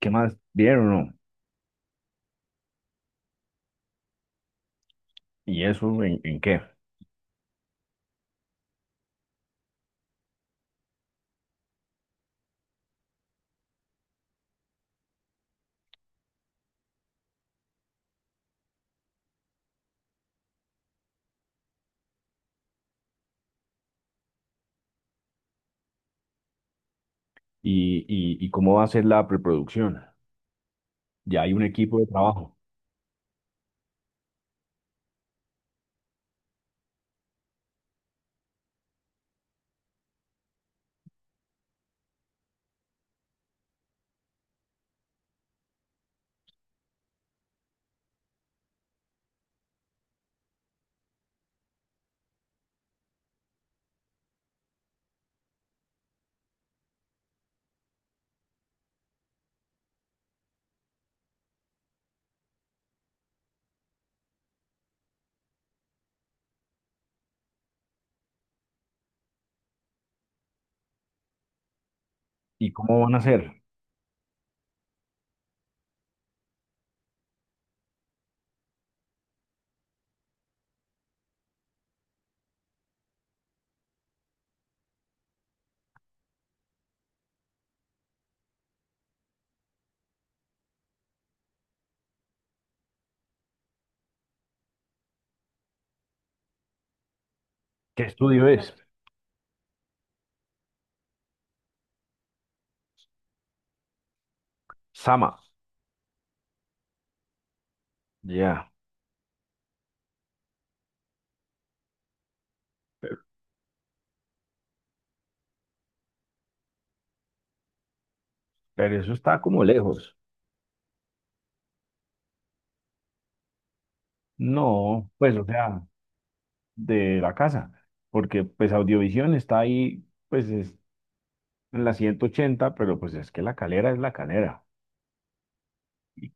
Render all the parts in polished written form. ¿Qué más? Vieron o no? ¿Y eso en qué? ¿Y cómo va a ser la preproducción? Ya hay un equipo de trabajo. ¿Y cómo van a hacer? ¿Qué estudio es? Sama. Ya. pe- Pero eso está como lejos. No, pues, o sea, de la casa. Porque, pues, Audiovisión está ahí, pues, es en la 180, pero, pues, es que La Calera es La Calera. Y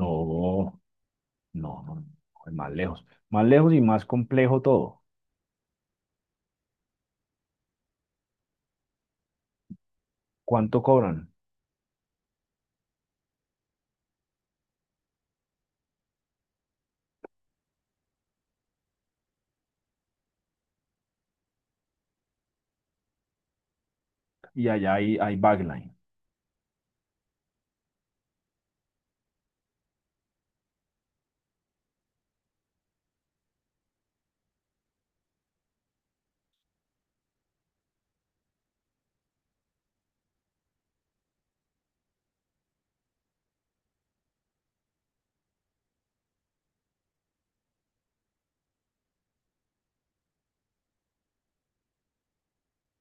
no, no, no, no, es más lejos. Más lejos y más complejo todo. ¿Cuánto cobran? Y allá hay backline.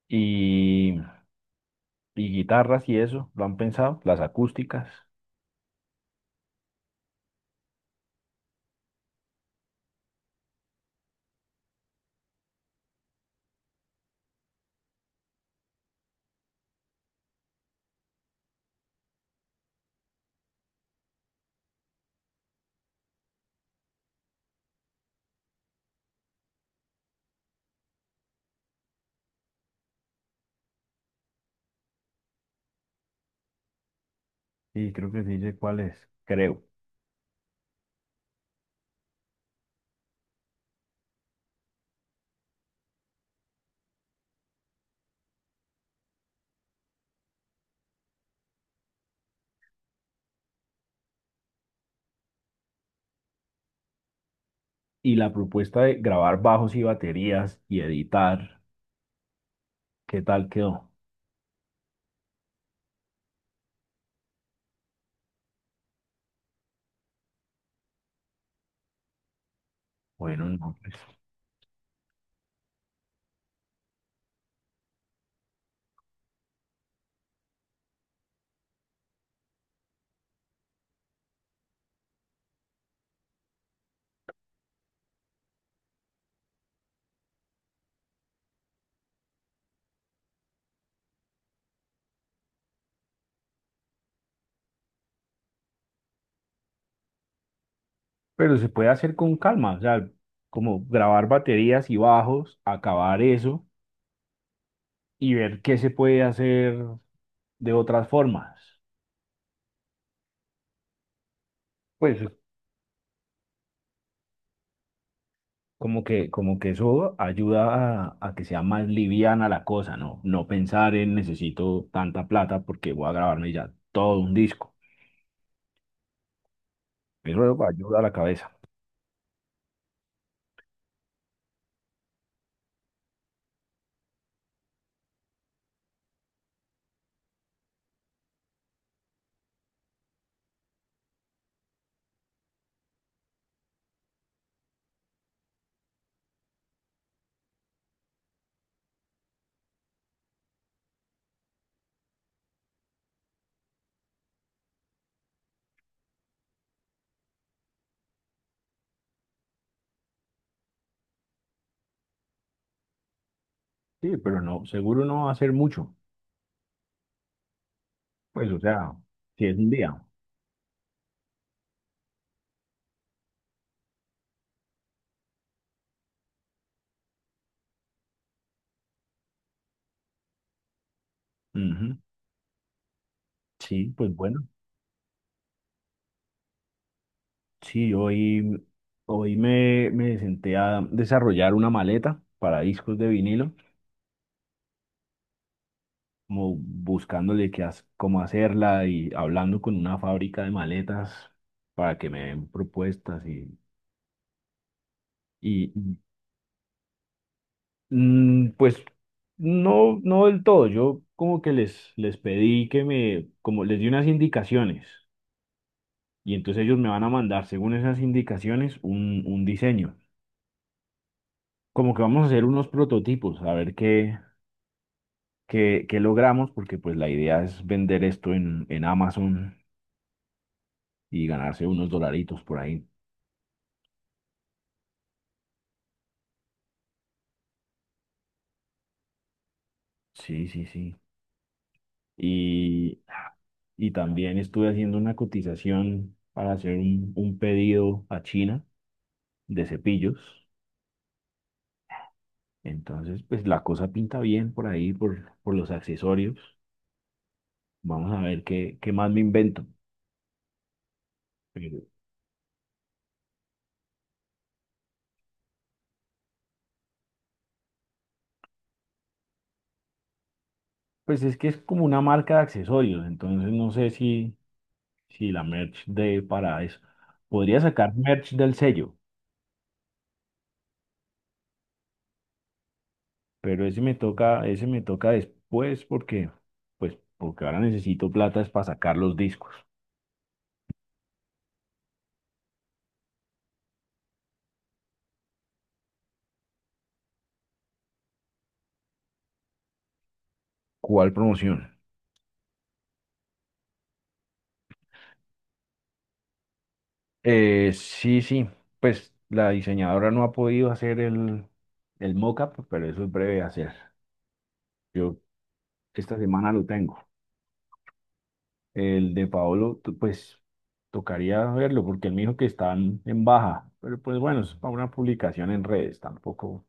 Y, y guitarras y eso, lo han pensado, las acústicas. Sí, creo que sí sé cuál es. Creo. Y la propuesta de grabar bajos y baterías y editar, ¿qué tal quedó? Bueno, no, pues, pero se puede hacer con calma, o sea, como grabar baterías y bajos, acabar eso y ver qué se puede hacer de otras formas. Pues como que eso ayuda a que sea más liviana la cosa, ¿no? No pensar en necesito tanta plata porque voy a grabarme ya todo un disco. Eso ayuda a la cabeza. Sí, pero no, seguro no va a ser mucho. Pues, o sea, si es un día. Ujú. Sí, pues bueno. Sí, hoy me senté a desarrollar una maleta para discos de vinilo, como buscándole cómo hacerla y hablando con una fábrica de maletas para que me den propuestas. Y pues no, no del todo. Yo como que les pedí que como les di unas indicaciones, y entonces ellos me van a mandar según esas indicaciones un diseño. Como que vamos a hacer unos prototipos, a ver qué logramos, porque pues la idea es vender esto en Amazon y ganarse unos dolaritos por ahí. Sí, sí, sí. Y, y también estuve haciendo una cotización para hacer un pedido a China de cepillos. Entonces, pues la cosa pinta bien por ahí, por los accesorios. Vamos a ver qué más me invento. Pero, pues es que es como una marca de accesorios, entonces no sé si la merch de para eso. Podría sacar merch del sello, pero ese me toca después, porque, pues, porque ahora necesito plata es para sacar los discos. ¿Cuál promoción? Sí, sí, pues la diseñadora no ha podido hacer el mock-up, pero eso es breve de hacer. Yo esta semana lo tengo. El de Paolo, pues tocaría verlo porque él me dijo que están en baja, pero pues bueno, es para una publicación en redes, tampoco.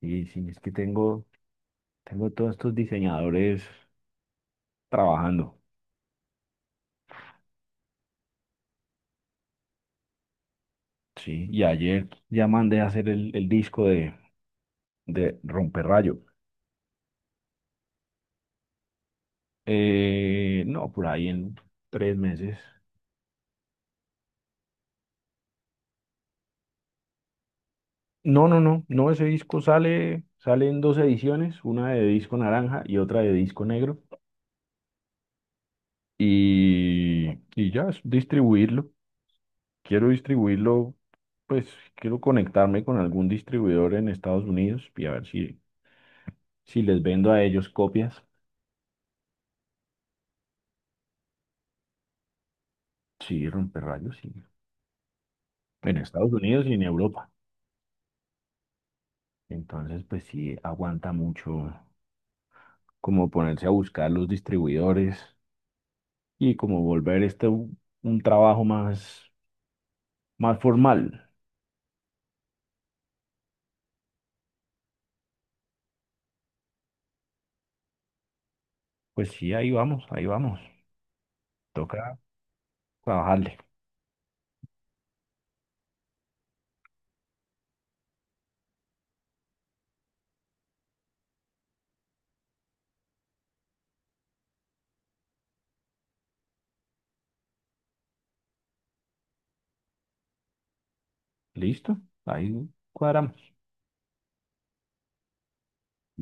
Sí, sí, es que tengo todos estos diseñadores trabajando, sí, y ayer ya mandé a hacer el disco de Romperrayo. No, por ahí en 3 meses. No, no, no, no, ese disco sale en dos ediciones, una de disco naranja y otra de disco negro. Y ya, es distribuirlo. Quiero distribuirlo, pues quiero conectarme con algún distribuidor en Estados Unidos y a ver si les vendo a ellos copias. Sí, rayos, sí. En Estados Unidos y en Europa. Entonces, pues sí, aguanta mucho como ponerse a buscar los distribuidores, y como volver este un trabajo más formal. Pues sí, ahí vamos, ahí vamos. Toca trabajarle. ¿Listo? Ahí cuadramos.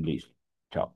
Listo. Chao.